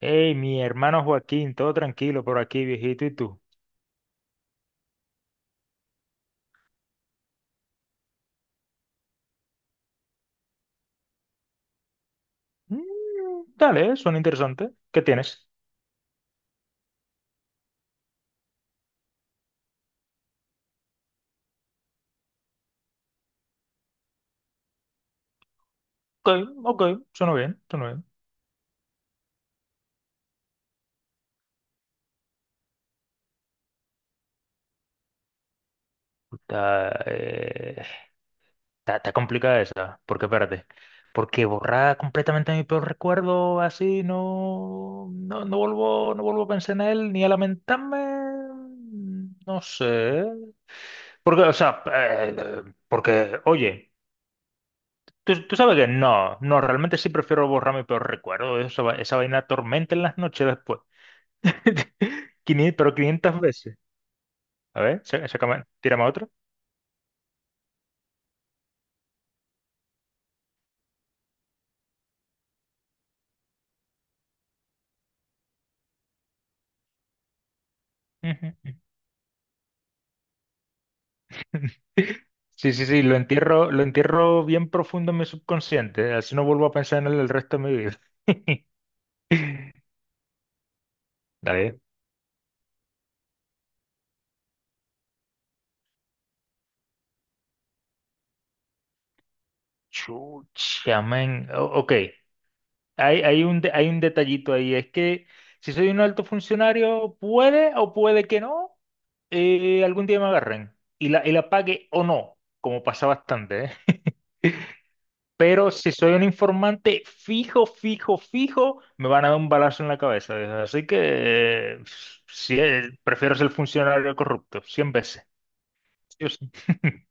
Hey, mi hermano Joaquín, todo tranquilo por aquí, viejito, ¿y tú? Mm, Dale, suena interesante. ¿Qué tienes? Ok, ok, suena bien, suena bien. Está, eh, está complicada esa, porque espérate, porque borrar completamente mi peor recuerdo así, no, no, no vuelvo, no vuelvo a pensar en él ni a lamentarme, no sé. Porque, o sea, porque, oye. Tú sabes que no, no, realmente sí prefiero borrar mi peor recuerdo. Eso, esa vaina tormenta en las noches después. 500, pero 500 veces. A ver, sácame, tírame otro. Ujú. Sí, sí, sí, lo entierro bien profundo en mi subconsciente. Así no vuelvo a pensar en él el resto de mi vida. Dale. Chucha, men. Ok. Hay un detallito ahí, es que si soy un alto funcionario, puede o puede que no, algún día me agarren y la pague o no, como pasa bastante, ¿eh? Pero si soy un informante fijo, fijo, fijo, me van a dar un balazo en la cabeza, ¿eh? Así que eh, sí, prefiero ser funcionario corrupto, 100 veces. Yo sí.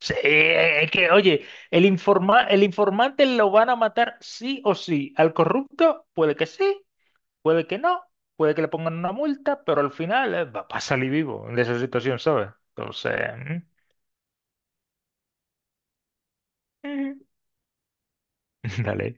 Sí, es que, oye, el informante lo van a matar sí o sí. Al corrupto puede que sí, puede que no, puede que le pongan una multa, pero al final, va a salir vivo de esa situación, ¿sabes? Entonces, mm, mm, dale.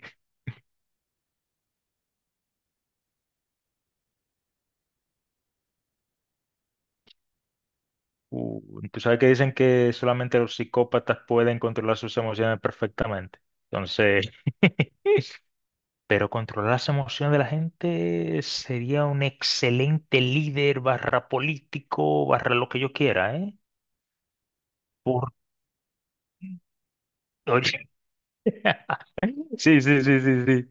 Tú sabes que dicen que solamente los psicópatas pueden controlar sus emociones perfectamente. Entonces, pero controlar las emociones de la gente sería un excelente líder barra político, barra lo que yo quiera, ¿eh? Por... Oye, sí, sí, sí, sí, sí.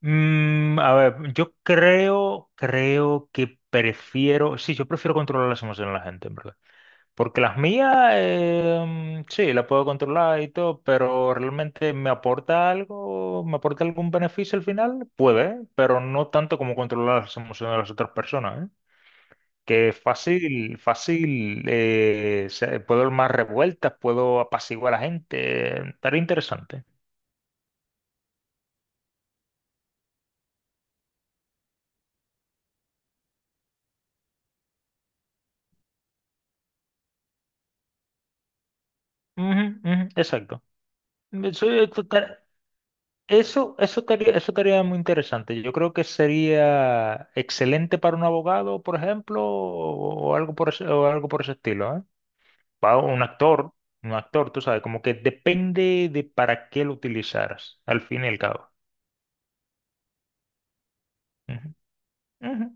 A ver, yo creo que prefiero, sí, yo prefiero controlar las emociones de la gente, en verdad. Porque las mías, sí, las puedo controlar y todo, pero realmente me aporta algo, me aporta algún beneficio al final, puede, pero no tanto como controlar las emociones de las otras personas, ¿eh? Que es fácil, fácil, puedo dar más revueltas, puedo apaciguar a la gente, estaría interesante. Ujú, ujú, exacto. Soy total- eso estaría muy interesante. Yo creo que sería excelente para un abogado, por ejemplo, o algo por ese, o algo por ese estilo, ¿eh? Para un actor, tú sabes, como que depende de para qué lo utilizaras, al fin y al cabo. Ujú, ujú.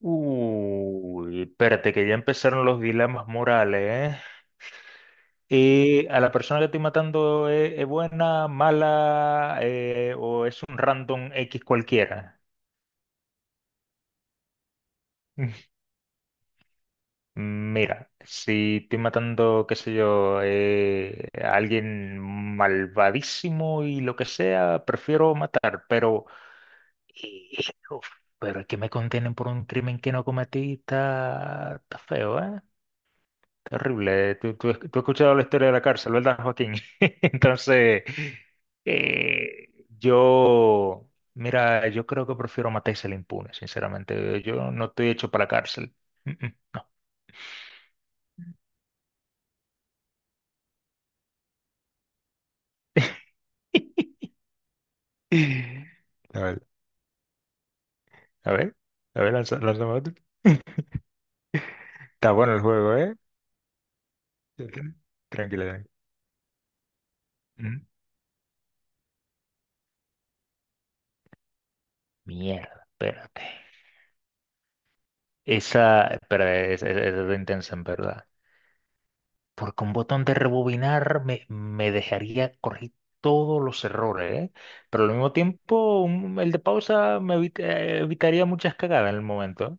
Uy, espérate, que ya empezaron los dilemas morales, ¿eh? ¿A la persona que estoy matando es buena, mala, o es un random X cualquiera? Mira, si estoy matando, qué sé yo, a alguien malvadísimo y lo que sea, prefiero matar, y- y- uf, pero es que me contienen por un crimen que no cometí, está feo, ¿eh? Terrible. Tú has escuchado la historia de la cárcel, ¿verdad, Joaquín? Entonces, eh, yo, mira, yo creo que prefiero matar y al impune, sinceramente. Yo no estoy hecho para la cárcel. Mm, mm, no. A ver, a ver, a ver, lánzame otro. Está bueno el juego, ¿eh? Tranquila, tranquila. Ujú. Mierda, espérate. Esa, espera, esa está intensa en verdad. Porque un botón de rebobinar me dejaría corregir todos los errores, ¿eh? Pero al mismo tiempo, el de pausa me evitaría muchas cagadas en el momento, ¿eh?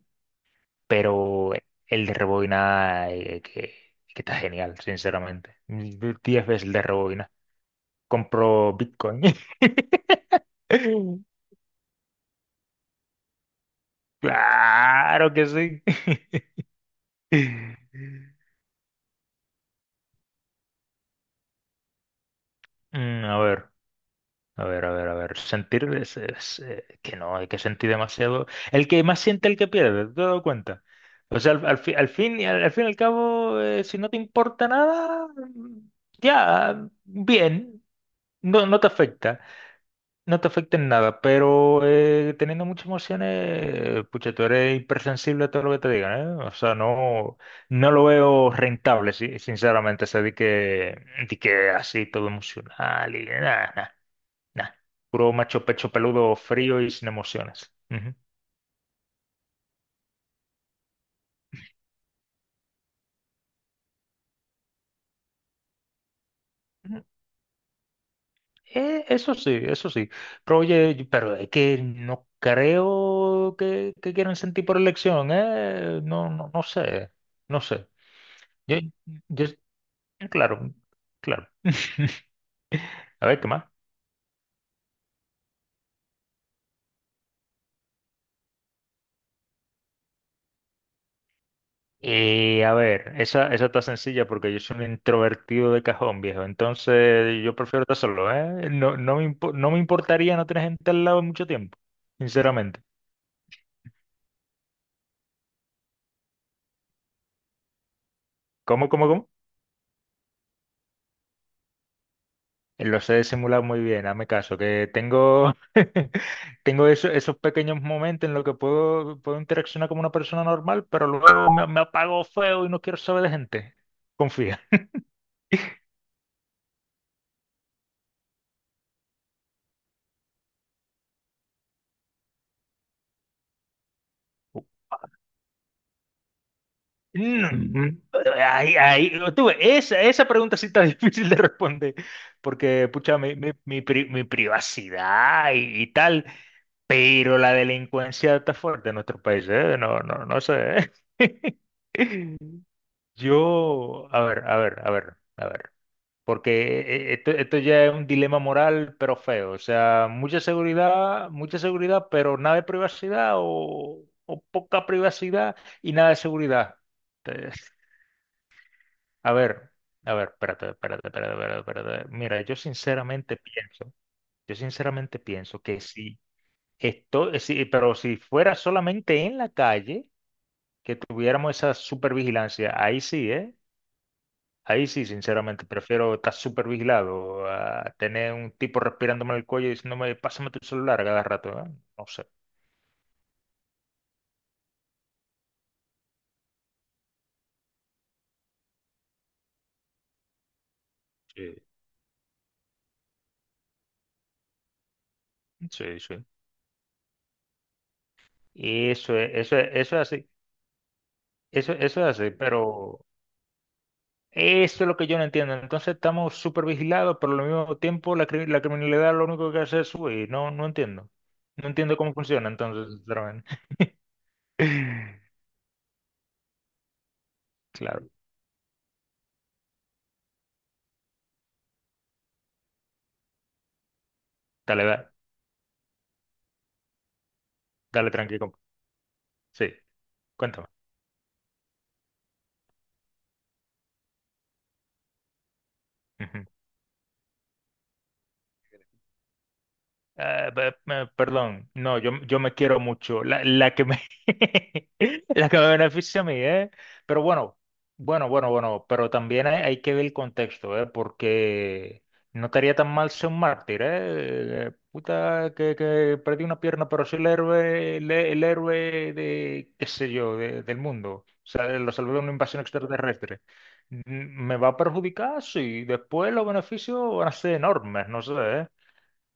Pero el de rebobinar, que está genial, sinceramente. 10 veces el de rebobinar. Compro Bitcoin. Claro que sí. A ver, a ver, a ver, a ver. Sentir que no, hay que sentir demasiado. El que más siente, el que pierde, ¿te has dado cuenta? O sea, al fin, y al fin y al cabo, si no te importa nada, ya, bien, no, no te afecta. No te afecta en nada, pero teniendo muchas emociones, pucha, tú eres hipersensible a todo lo que te digan, ¿eh? O sea, no, no lo veo rentable, sí, sinceramente, ese di que así todo emocional y nada, nada, nada. Puro macho pecho peludo frío y sin emociones. Ujú. Ujú. Eso sí, eso sí. Pero oye, pero es que no creo que quieran sentir por elección, ¿eh? No, no, no sé, no sé. Yo, yo Claro, claro. A ver, ¿qué más? A ver, esa está sencilla porque yo soy un introvertido de cajón, viejo. Entonces, yo prefiero estar solo, ¿eh? No, no me importaría no tener gente al lado mucho tiempo, sinceramente. ¿Cómo, cómo, cómo? Lo sé simular muy bien, hazme caso, que tengo, tengo esos pequeños momentos en los que puedo, puedo interaccionar como una persona normal, pero luego me apago feo y no quiero saber de gente. Confía. Mm, esa pregunta sí está difícil de responder, porque, pucha, mi privacidad y tal, pero la delincuencia está fuerte en nuestro país, ¿eh? No, no, no sé. Yo, a ver, a ver, a ver, a ver, porque esto ya es un dilema moral, pero feo, o sea, mucha seguridad, pero nada de privacidad o poca privacidad y nada de seguridad. A ver, a ver, espérate, espérate, espérate, espérate, espérate. Mira, yo sinceramente pienso que si esto, si, pero si fuera solamente en la calle, que tuviéramos esa supervigilancia, ahí sí, ¿eh? Ahí sí, sinceramente, prefiero estar supervigilado a tener un tipo respirándome en el cuello y diciéndome, pásame tu celular a cada rato, ¿eh? No sé. Sí, sí, sí. Y eso es así, eso es así, pero... Eso es lo que yo no entiendo. Entonces estamos súper vigilados, pero al mismo tiempo la, la criminalidad lo único que hace es subir. No, no entiendo. No entiendo cómo funciona entonces, sinceramente. Claro. Dale, dale, tranquilo. Sí, cuéntame. Ah, perdón, no, yo me quiero mucho, la que me, la que me beneficia a mí, ¿eh? Pero bueno, bueno, bueno, bueno, pero también hay que ver el contexto, ¿eh? Porque no estaría tan mal ser un mártir, ¿eh? Puta, que perdí una pierna, pero soy el héroe, el héroe de, qué sé yo, del mundo. O sea, lo salvé de una invasión extraterrestre. ¿Me va a perjudicar? Sí, después los beneficios van a ser enormes, no sé, ¿eh?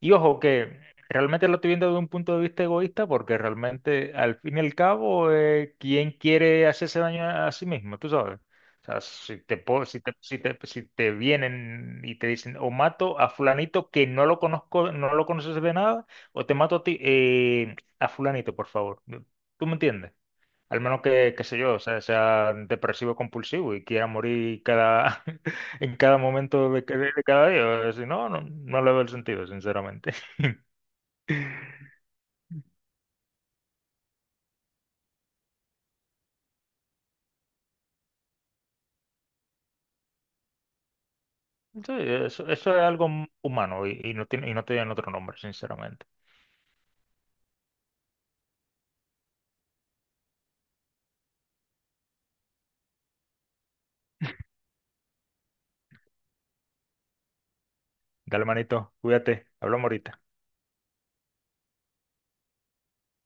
Y ojo, que realmente lo estoy viendo desde un punto de vista egoísta, porque realmente, al fin y al cabo, ¿quién quiere hacerse daño a sí mismo? Tú sabes. O sea, si te, po- si te, si te, si te vienen y te dicen, o mato a fulanito que no lo conozco, no lo conoces de nada, o te mato a ti, a fulanito, por favor. ¿Tú me entiendes? Al menos que, qué sé yo, o sea, sea depresivo compulsivo y quiera morir cada, en cada momento de cada día. Si no, no, no le veo el sentido, sinceramente. Sí, eso es algo humano y no tiene otro nombre, sinceramente. Dale, manito, cuídate, hablamos ahorita.